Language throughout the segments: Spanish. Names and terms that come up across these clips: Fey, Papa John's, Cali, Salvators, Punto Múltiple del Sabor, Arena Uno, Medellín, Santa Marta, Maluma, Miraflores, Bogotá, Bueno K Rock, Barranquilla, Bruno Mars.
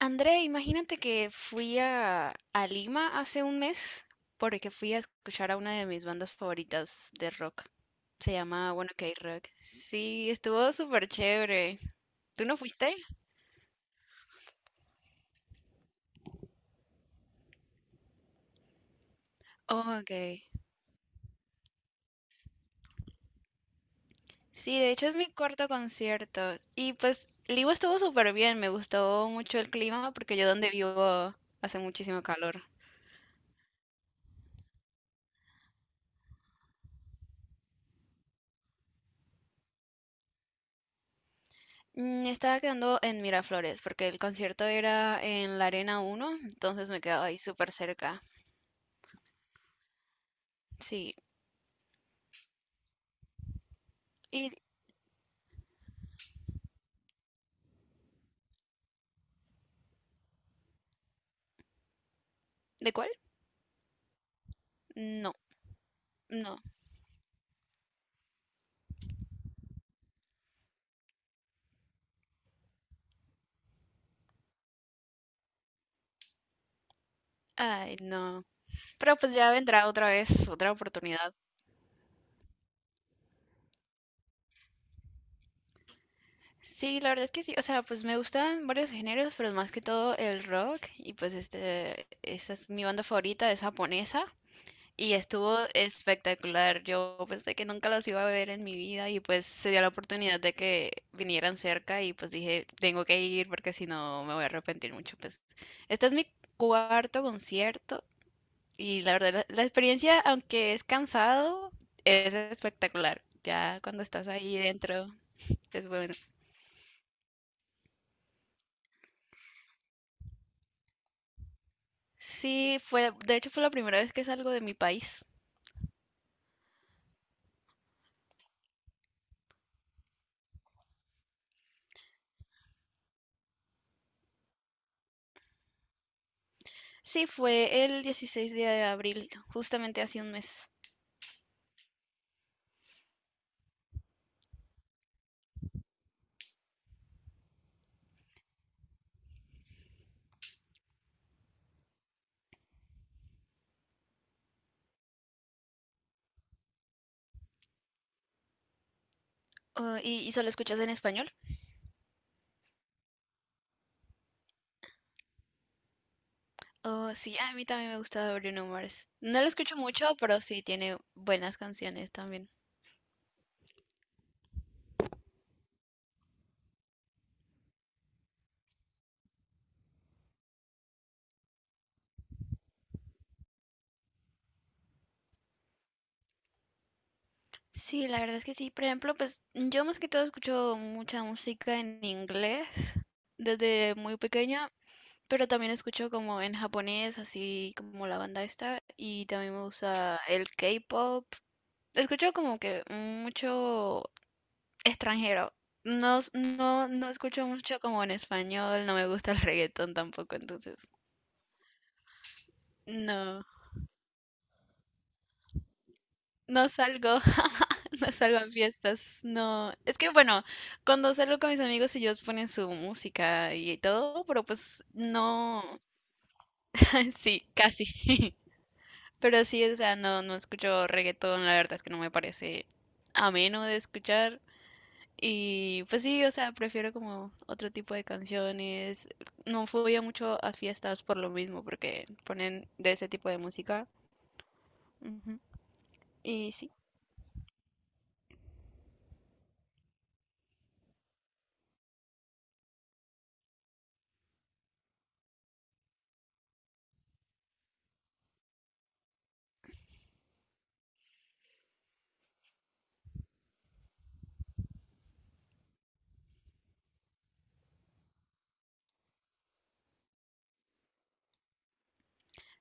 André, imagínate que fui a Lima hace un mes porque fui a escuchar a una de mis bandas favoritas de rock. Se llama Bueno K Rock. Sí, estuvo súper chévere. ¿Tú no fuiste? Oh, ok. Sí, de hecho es mi cuarto concierto. Y pues Lima estuvo súper bien. Me gustó mucho el clima porque yo donde vivo hace muchísimo calor. Estaba quedando en Miraflores porque el concierto era en la Arena Uno, entonces me quedaba ahí súper cerca. Sí. ¿Y, ¿De cuál? No, no. Ay, no. Pero pues ya vendrá otra vez, otra oportunidad. Sí, la verdad es que sí. O sea, pues me gustan varios géneros, pero más que todo el rock. Y pues este, esa es mi banda favorita, es japonesa. Y estuvo espectacular. Yo pensé que nunca los iba a ver en mi vida y pues se dio la oportunidad de que vinieran cerca y pues dije, tengo que ir porque si no me voy a arrepentir mucho. Pues este es mi cuarto concierto. Y la verdad, la experiencia, aunque es cansado, es espectacular. Ya cuando estás ahí dentro, es bueno. Sí, fue, de hecho fue la primera vez que salgo de mi país. Sí, fue el 16 de abril, justamente hace un mes. Oh, y solo escuchas en español? Oh, sí, a mí también me gusta Bruno Mars. No lo escucho mucho, pero sí tiene buenas canciones también. Sí, la verdad es que sí. Por ejemplo, pues yo más que todo escucho mucha música en inglés desde muy pequeña. Pero también escucho como en japonés, así como la banda esta, y también me gusta el K-pop. Escucho como que mucho extranjero. No, no, no escucho mucho como en español, no me gusta el reggaetón tampoco, entonces no, no salgo, no salgo a fiestas, no. Es que bueno, cuando salgo con mis amigos ellos ponen su música y todo, pero pues no, sí, casi. Pero sí, o sea, no, no escucho reggaetón, la verdad es que no me parece ameno de escuchar. Y pues sí, o sea, prefiero como otro tipo de canciones. No fui a mucho a fiestas por lo mismo, porque ponen de ese tipo de música. Ujú. Y sí.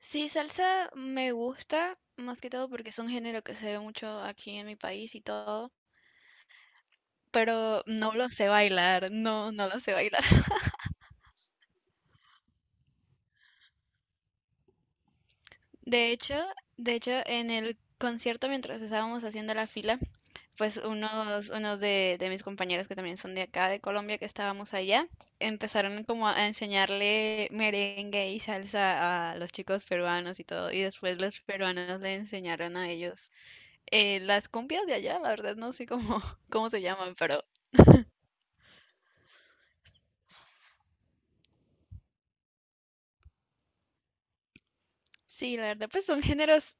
Sí, salsa me gusta, más que todo porque es un género que se ve mucho aquí en mi país y todo, pero no lo sé bailar, no, no lo sé bailar. De hecho, de hecho, en el concierto mientras estábamos haciendo la fila, pues unos de mis compañeros que también son de acá, de Colombia, que estábamos allá, empezaron como a enseñarle merengue y salsa a los chicos peruanos y todo, y después los peruanos le enseñaron a ellos las cumbias de allá, la verdad no sé cómo, cómo se llaman, pero sí, la verdad, pues son géneros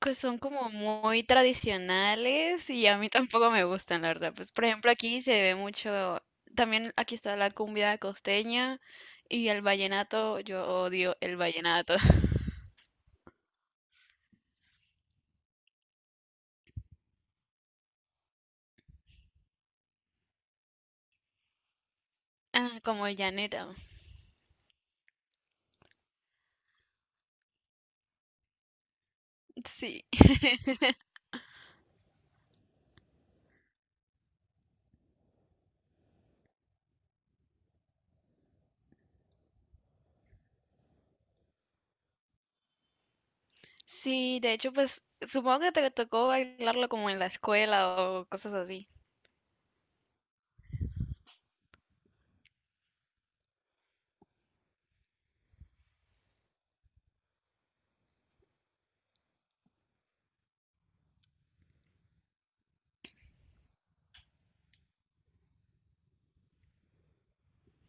que son como muy tradicionales y a mí tampoco me gustan, la verdad. Pues, por ejemplo, aquí se ve mucho, también aquí está la cumbia costeña y el vallenato, yo odio el vallenato. Ah, como llanera, sí. Sí, de hecho, pues supongo que te tocó bailarlo como en la escuela o cosas así.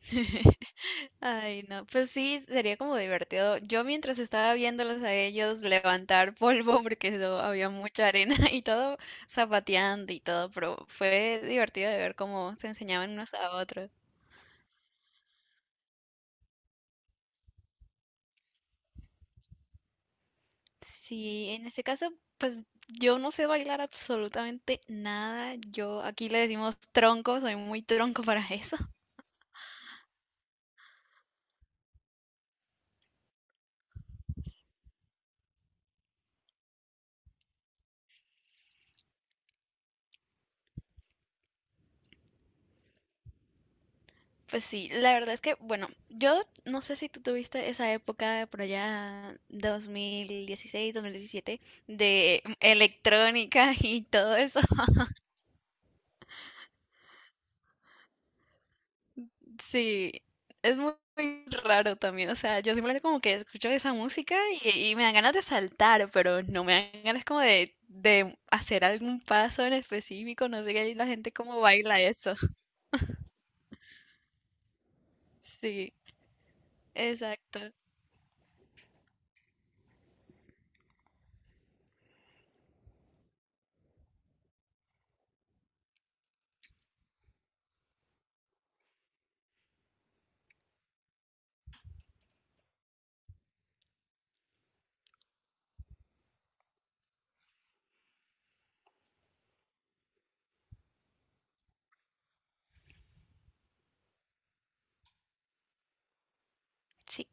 Ay, no, pues sí, sería como divertido. Yo mientras estaba viéndolos a ellos levantar polvo, porque eso había mucha arena y todo, zapateando y todo, pero fue divertido de ver cómo se enseñaban unos a otros. Sí, en este caso, pues yo no sé bailar absolutamente nada. Yo aquí le decimos tronco, soy muy tronco para eso. Pues sí, la verdad es que, bueno, yo no sé si tú tuviste esa época por allá 2016 2017 de electrónica y todo eso. Sí, es muy, muy raro también, o sea, yo simplemente como que escucho esa música y me dan ganas de saltar, pero no me dan ganas como de hacer algún paso en específico, no sé qué, y la gente cómo baila eso. Sí, exacto. Sí,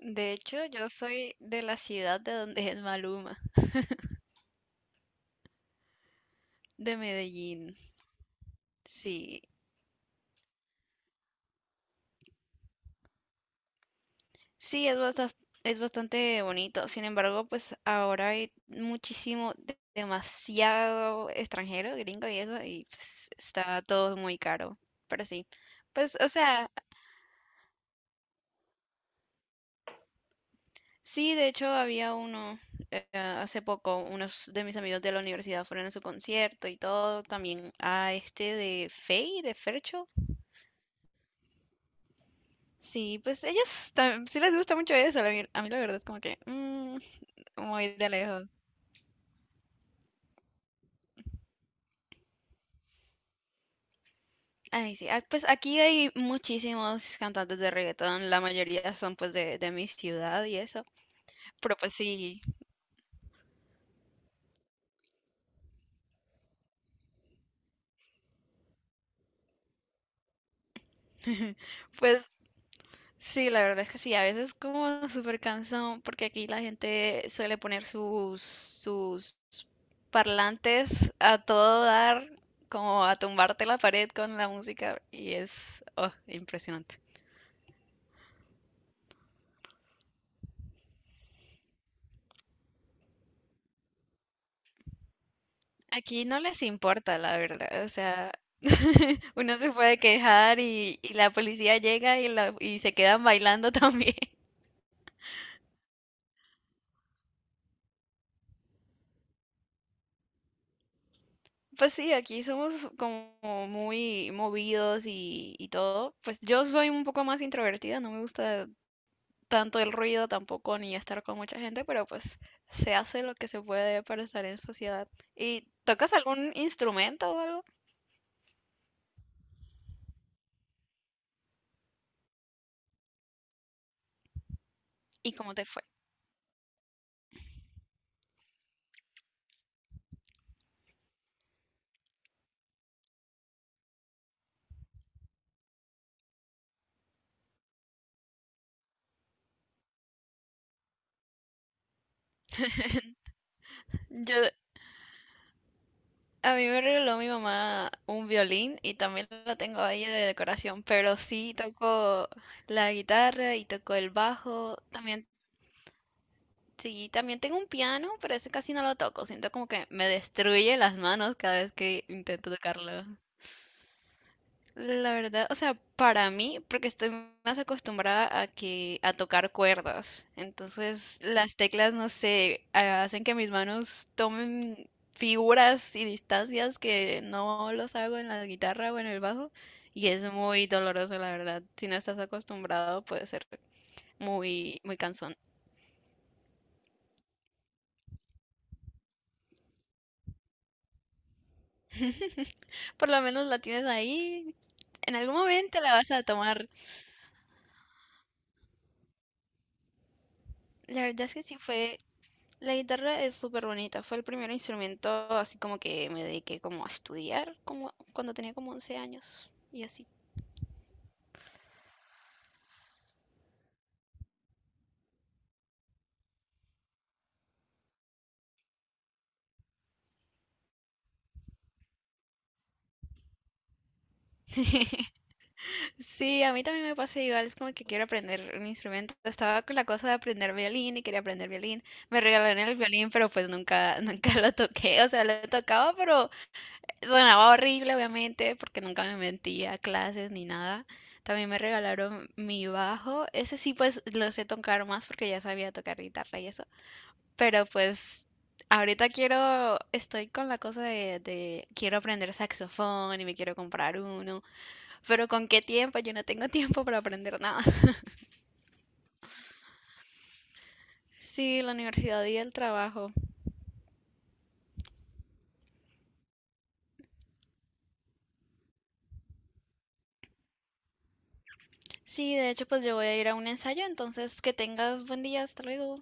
de hecho yo soy de la ciudad de donde es Maluma. De Medellín, sí. Sí, es bastante bonito. Sin embargo, pues ahora hay muchísimo, demasiado extranjero, gringo y eso, y pues, está todo muy caro. Pero sí. Pues, o sea, sí, de hecho había uno hace poco, unos de mis amigos de la universidad fueron a su concierto y todo, también a este de Fey, de Fercho. Sí, pues ellos sí les gusta mucho eso, a mí la verdad es como que muy de lejos. Ay, sí. Ah, pues aquí hay muchísimos cantantes de reggaetón, la mayoría son pues de mi ciudad y eso. Pero pues sí, pues sí, la verdad es que sí, a veces como súper cansón, porque aquí la gente suele poner sus parlantes a todo dar, como a tumbarte la pared con la música y es oh, impresionante. Aquí no les importa, la verdad. O sea, uno se puede quejar y la policía llega y, y se quedan bailando también. Pues sí, aquí somos como muy movidos y todo. Pues yo soy un poco más introvertida, no me gusta tanto el ruido tampoco ni estar con mucha gente, pero pues se hace lo que se puede para estar en sociedad. ¿Y tocas algún instrumento o algo? ¿Y cómo te fue? Yo, A mí me regaló mi mamá un violín y también lo tengo ahí de decoración, pero sí toco la guitarra y toco el bajo. También, sí, también tengo un piano, pero ese casi no lo toco. Siento como que me destruye las manos cada vez que intento tocarlo. La verdad, o sea, para mí, porque estoy más acostumbrada a que a tocar cuerdas, entonces las teclas, no sé, hacen que mis manos tomen figuras y distancias que no los hago en la guitarra o en el bajo, y es muy doloroso, la verdad. Si no estás acostumbrado, puede ser muy, muy cansón. Por lo menos la tienes ahí, en algún momento la vas a tomar. La verdad es que sí fue. La guitarra es súper bonita, fue el primer instrumento así como que me dediqué como a estudiar como cuando tenía como 11 años y así. Sí, a mí también me pasa igual, es como que quiero aprender un instrumento. Estaba con la cosa de aprender violín y quería aprender violín. Me regalaron el violín, pero pues nunca, nunca lo toqué. O sea, lo tocaba, pero sonaba horrible, obviamente, porque nunca me metí a clases ni nada. También me regalaron mi bajo. Ese sí, pues lo sé tocar más porque ya sabía tocar guitarra y eso. Pero pues ahorita quiero, estoy con la cosa de, quiero aprender saxofón y me quiero comprar uno, pero ¿con qué tiempo? Yo no tengo tiempo para aprender nada. Sí, la universidad y el trabajo. Sí, de hecho, pues yo voy a ir a un ensayo, entonces que tengas buen día, hasta luego.